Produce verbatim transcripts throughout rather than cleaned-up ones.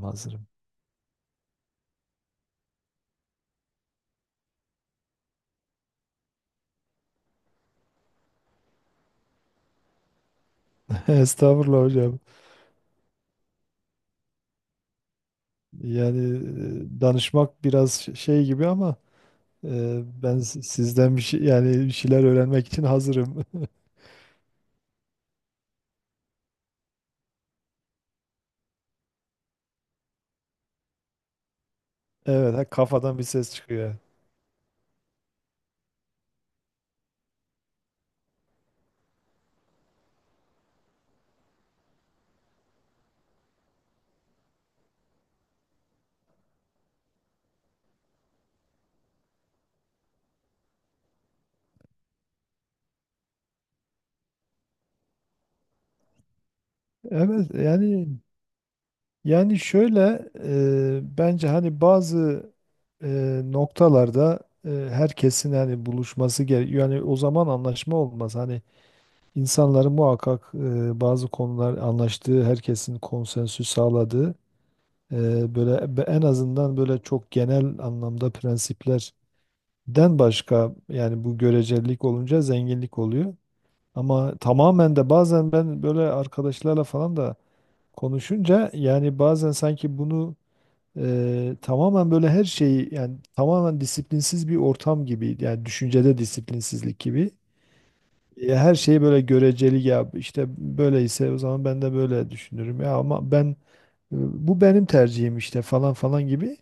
Hazırım. Estağfurullah hocam. Yani e, danışmak biraz ş- şey gibi ama e, ben si- sizden bir şey, yani bir şeyler öğrenmek için hazırım. Evet, ha, kafadan bir ses çıkıyor. Evet, yani yani şöyle e, bence hani bazı e, noktalarda e, herkesin hani buluşması gerekiyor. Yani o zaman anlaşma olmaz. Hani insanların muhakkak e, bazı konular anlaştığı, herkesin konsensüs sağladığı Eee, böyle be- en azından böyle çok genel anlamda prensiplerden başka, yani bu görecelik olunca zenginlik oluyor. Ama tamamen de bazen ben böyle arkadaşlarla falan da konuşunca, yani bazen sanki bunu eee, tamamen böyle her şeyi, yani tamamen disiplinsiz bir ortam gibi, yani düşüncede disiplinsizlik gibi. Ya her şeyi böyle göreceli, ya işte böyleyse o zaman ben de böyle düşünürüm ya, ama ben e, bu benim tercihim işte falan falan gibi.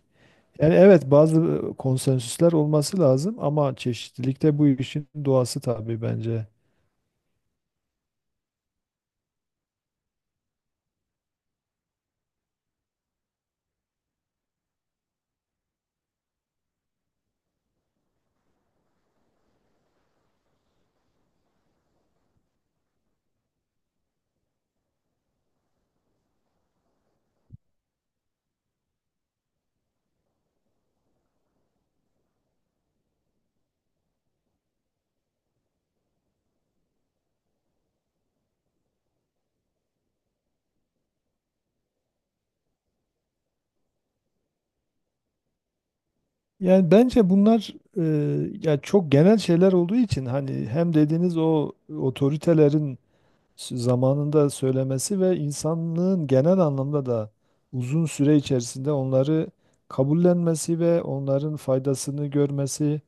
Yani evet, bazı konsensüsler olması lazım ama çeşitlilikte bu işin doğası tabii bence. Yani bence bunlar e, ya çok genel şeyler olduğu için hani hem dediğiniz o otoritelerin s- zamanında söylemesi ve insanlığın genel anlamda da uzun süre içerisinde onları kabullenmesi ve onların faydasını görmesi,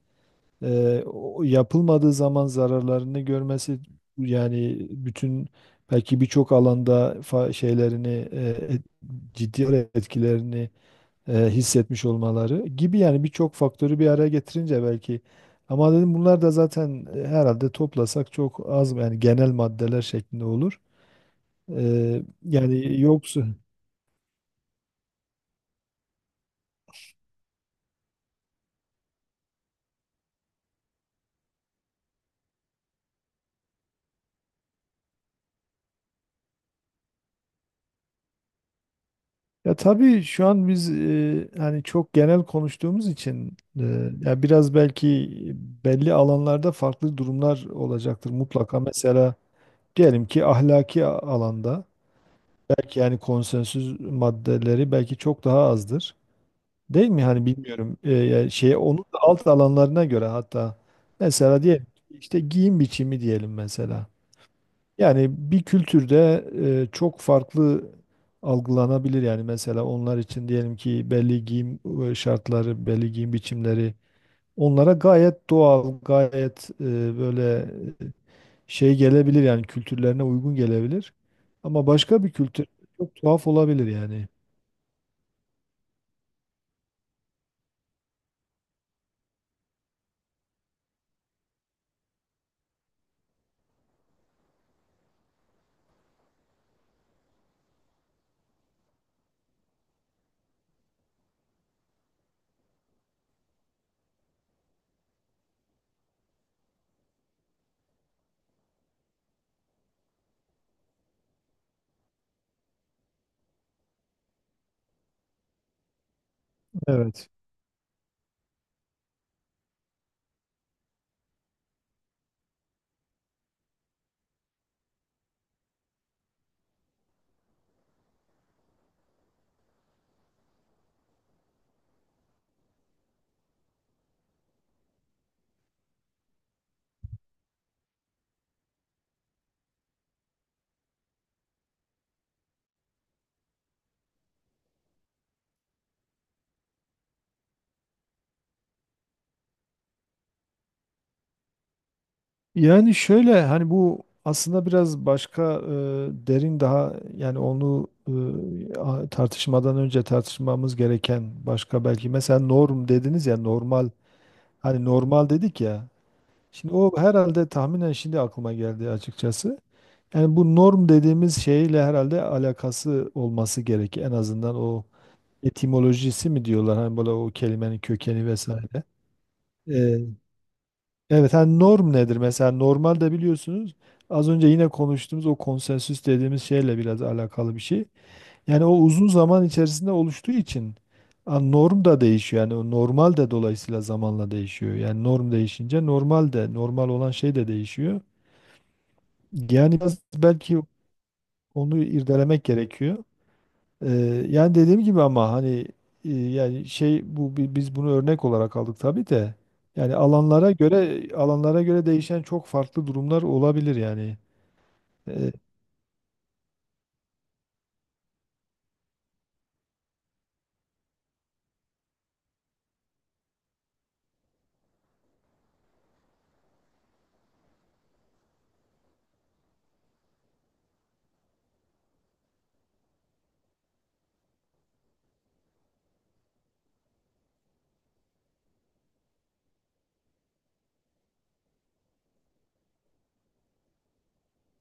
Eee, o yapılmadığı zaman zararlarını görmesi, yani bütün, belki birçok alanda fa- şeylerini, eee, et- ciddi olarak etkilerini eee, hissetmiş olmaları gibi, yani birçok faktörü bir araya getirince belki, ama dedim bunlar da zaten e, herhalde toplasak çok az, yani genel maddeler şeklinde olur. Eee, yani yoksa ya tabii şu an biz e, hani çok genel konuştuğumuz için e, ya biraz belki belli alanlarda farklı durumlar olacaktır mutlaka. Mesela diyelim ki ahlaki a- alanda belki, yani konsensüs maddeleri belki çok daha azdır. Değil mi? Hani bilmiyorum. E, yani şey, onun da alt alanlarına göre hatta, mesela diyelim ki işte giyim biçimi diyelim mesela. Yani bir kültürde e, çok farklı algılanabilir. Yani mesela onlar için diyelim ki belli giyim e, şartları, belli giyim biçimleri onlara gayet doğal, gayet e, böyle e, şey gelebilir, yani kültürlerine uygun gelebilir. Ama başka bir kültür çok tuhaf olabilir yani. Evet. Yani şöyle, hani bu aslında biraz başka e, derin daha, yani onu, e, a- tartışmadan önce tartışmamız gereken başka, belki mesela norm dediniz ya, normal, hani normal dedik ya. Şimdi o herhalde tahminen, şimdi aklıma geldi açıkçası. Yani bu norm dediğimiz şeyle herhalde alakası olması gerek en azından o, etimolojisi mi diyorlar, hani böyle o kelimenin kökeni vesaire. Evet, hani norm nedir? Mesela normalde biliyorsunuz, az önce yine konuştuğumuz o konsensüs dediğimiz şeyle biraz alakalı bir şey. Yani o uzun zaman içerisinde oluştuğu için, a, norm da değişiyor. Yani o normal de dolayısıyla zamanla değişiyor. Yani norm değişince normal de, normal olan şey de değişiyor. Yani biraz belki onu irdelemek gerekiyor. Ee, yani dediğim gibi, ama hani e, yani şey, bu bi- biz bunu örnek olarak aldık tabii de, yani alanlara göre alanlara göre değişen çok farklı durumlar olabilir yani. Ee,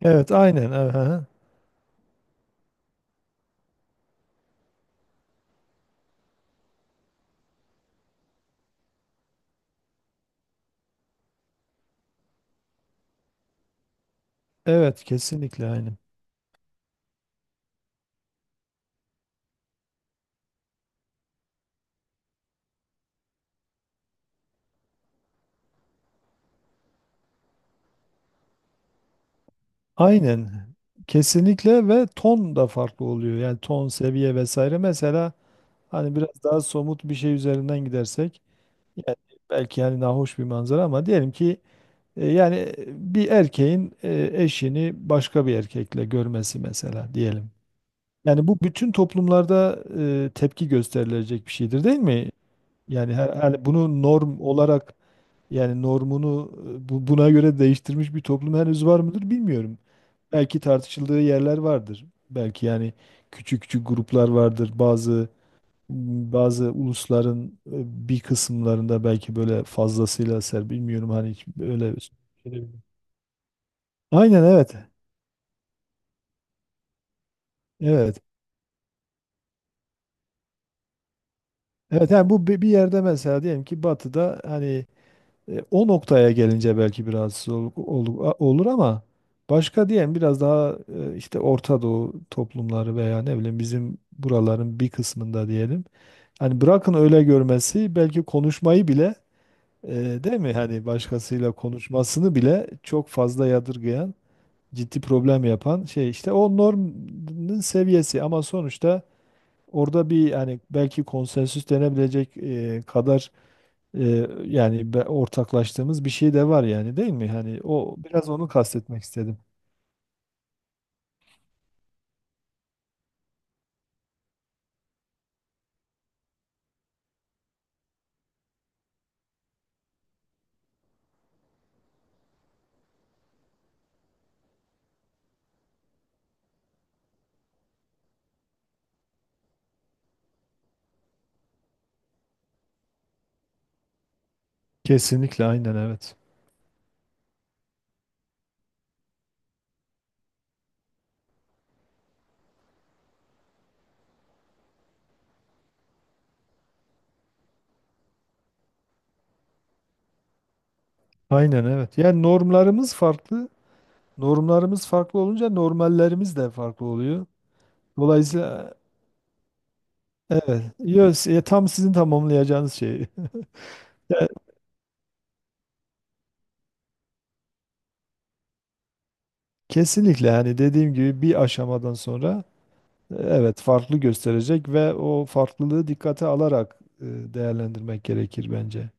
evet aynen, evet, aha. Evet kesinlikle, aynen. Aynen, kesinlikle, ve ton da farklı oluyor, yani ton, seviye vesaire, mesela hani biraz daha somut bir şey üzerinden gidersek, yani belki, yani nahoş bir manzara ama diyelim ki, E, Yani e, bir erkeğin e, eşini başka bir erkekle görmesi mesela diyelim. Yani bu bütün toplumlarda e, tepki gösterilecek bir şeydir, değil mi? Yani her, her- bunu norm olarak, yani normunu e, bu- buna göre değiştirmiş bir toplum henüz var mıdır bilmiyorum. Belki tartışıldığı yerler vardır. Belki yani küçük küçük gruplar vardır. Bazı bazı ulusların e, bir kısımlarında belki böyle fazlasıyla ser bilmiyorum, hani hiç böyle. Aynen evet. Evet. Evet, yani bu bi- bir yerde mesela diyelim ki batıda, hani e, o noktaya gelince belki biraz ol- ol- a- olur, ama başka diyelim biraz daha e, işte Orta Doğu toplumları veya ne bileyim bizim buraların bir kısmında diyelim. Hani bırakın öyle görmesi, belki konuşmayı bile, e, değil mi? Hani başkasıyla konuşmasını bile çok fazla yadırgayan, ciddi problem yapan şey işte o normun seviyesi, ama sonuçta orada bir hani belki konsensüs denebilecek e, kadar, e, yani be- ortaklaştığımız bir şey de var yani, değil mi? Hani o, biraz onu kastetmek istedim. Kesinlikle, aynen, evet. Aynen evet. Yani normlarımız farklı. Normlarımız farklı olunca normallerimiz de farklı oluyor. Dolayısıyla e, evet. Yo, s- tam sizin tamamlayacağınız şey. Ya, kesinlikle, yani dediğim gibi bir aşamadan sonra evet, farklı gösterecek ve o farklılığı dikkate alarak e, değerlendirmek gerekir bence.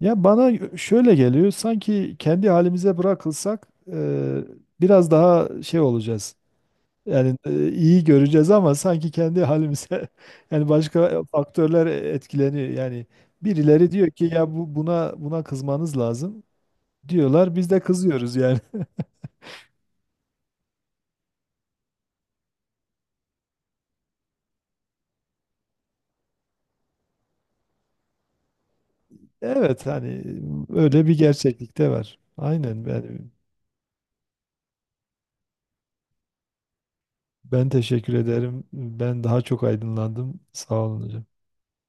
Ya bana şöyle geliyor, sanki kendi halimize bırakılsak e, biraz daha şey olacağız. Yani e, iyi göreceğiz, ama sanki kendi halimize yani başka faktörler etkileniyor. Yani birileri diyor ki ya bu buna buna kızmanız lazım diyorlar. Biz de kızıyoruz yani. Evet, hani öyle bir gerçeklik de var. Aynen ben, ben teşekkür ederim. Ben daha çok aydınlandım. Sağ olun hocam.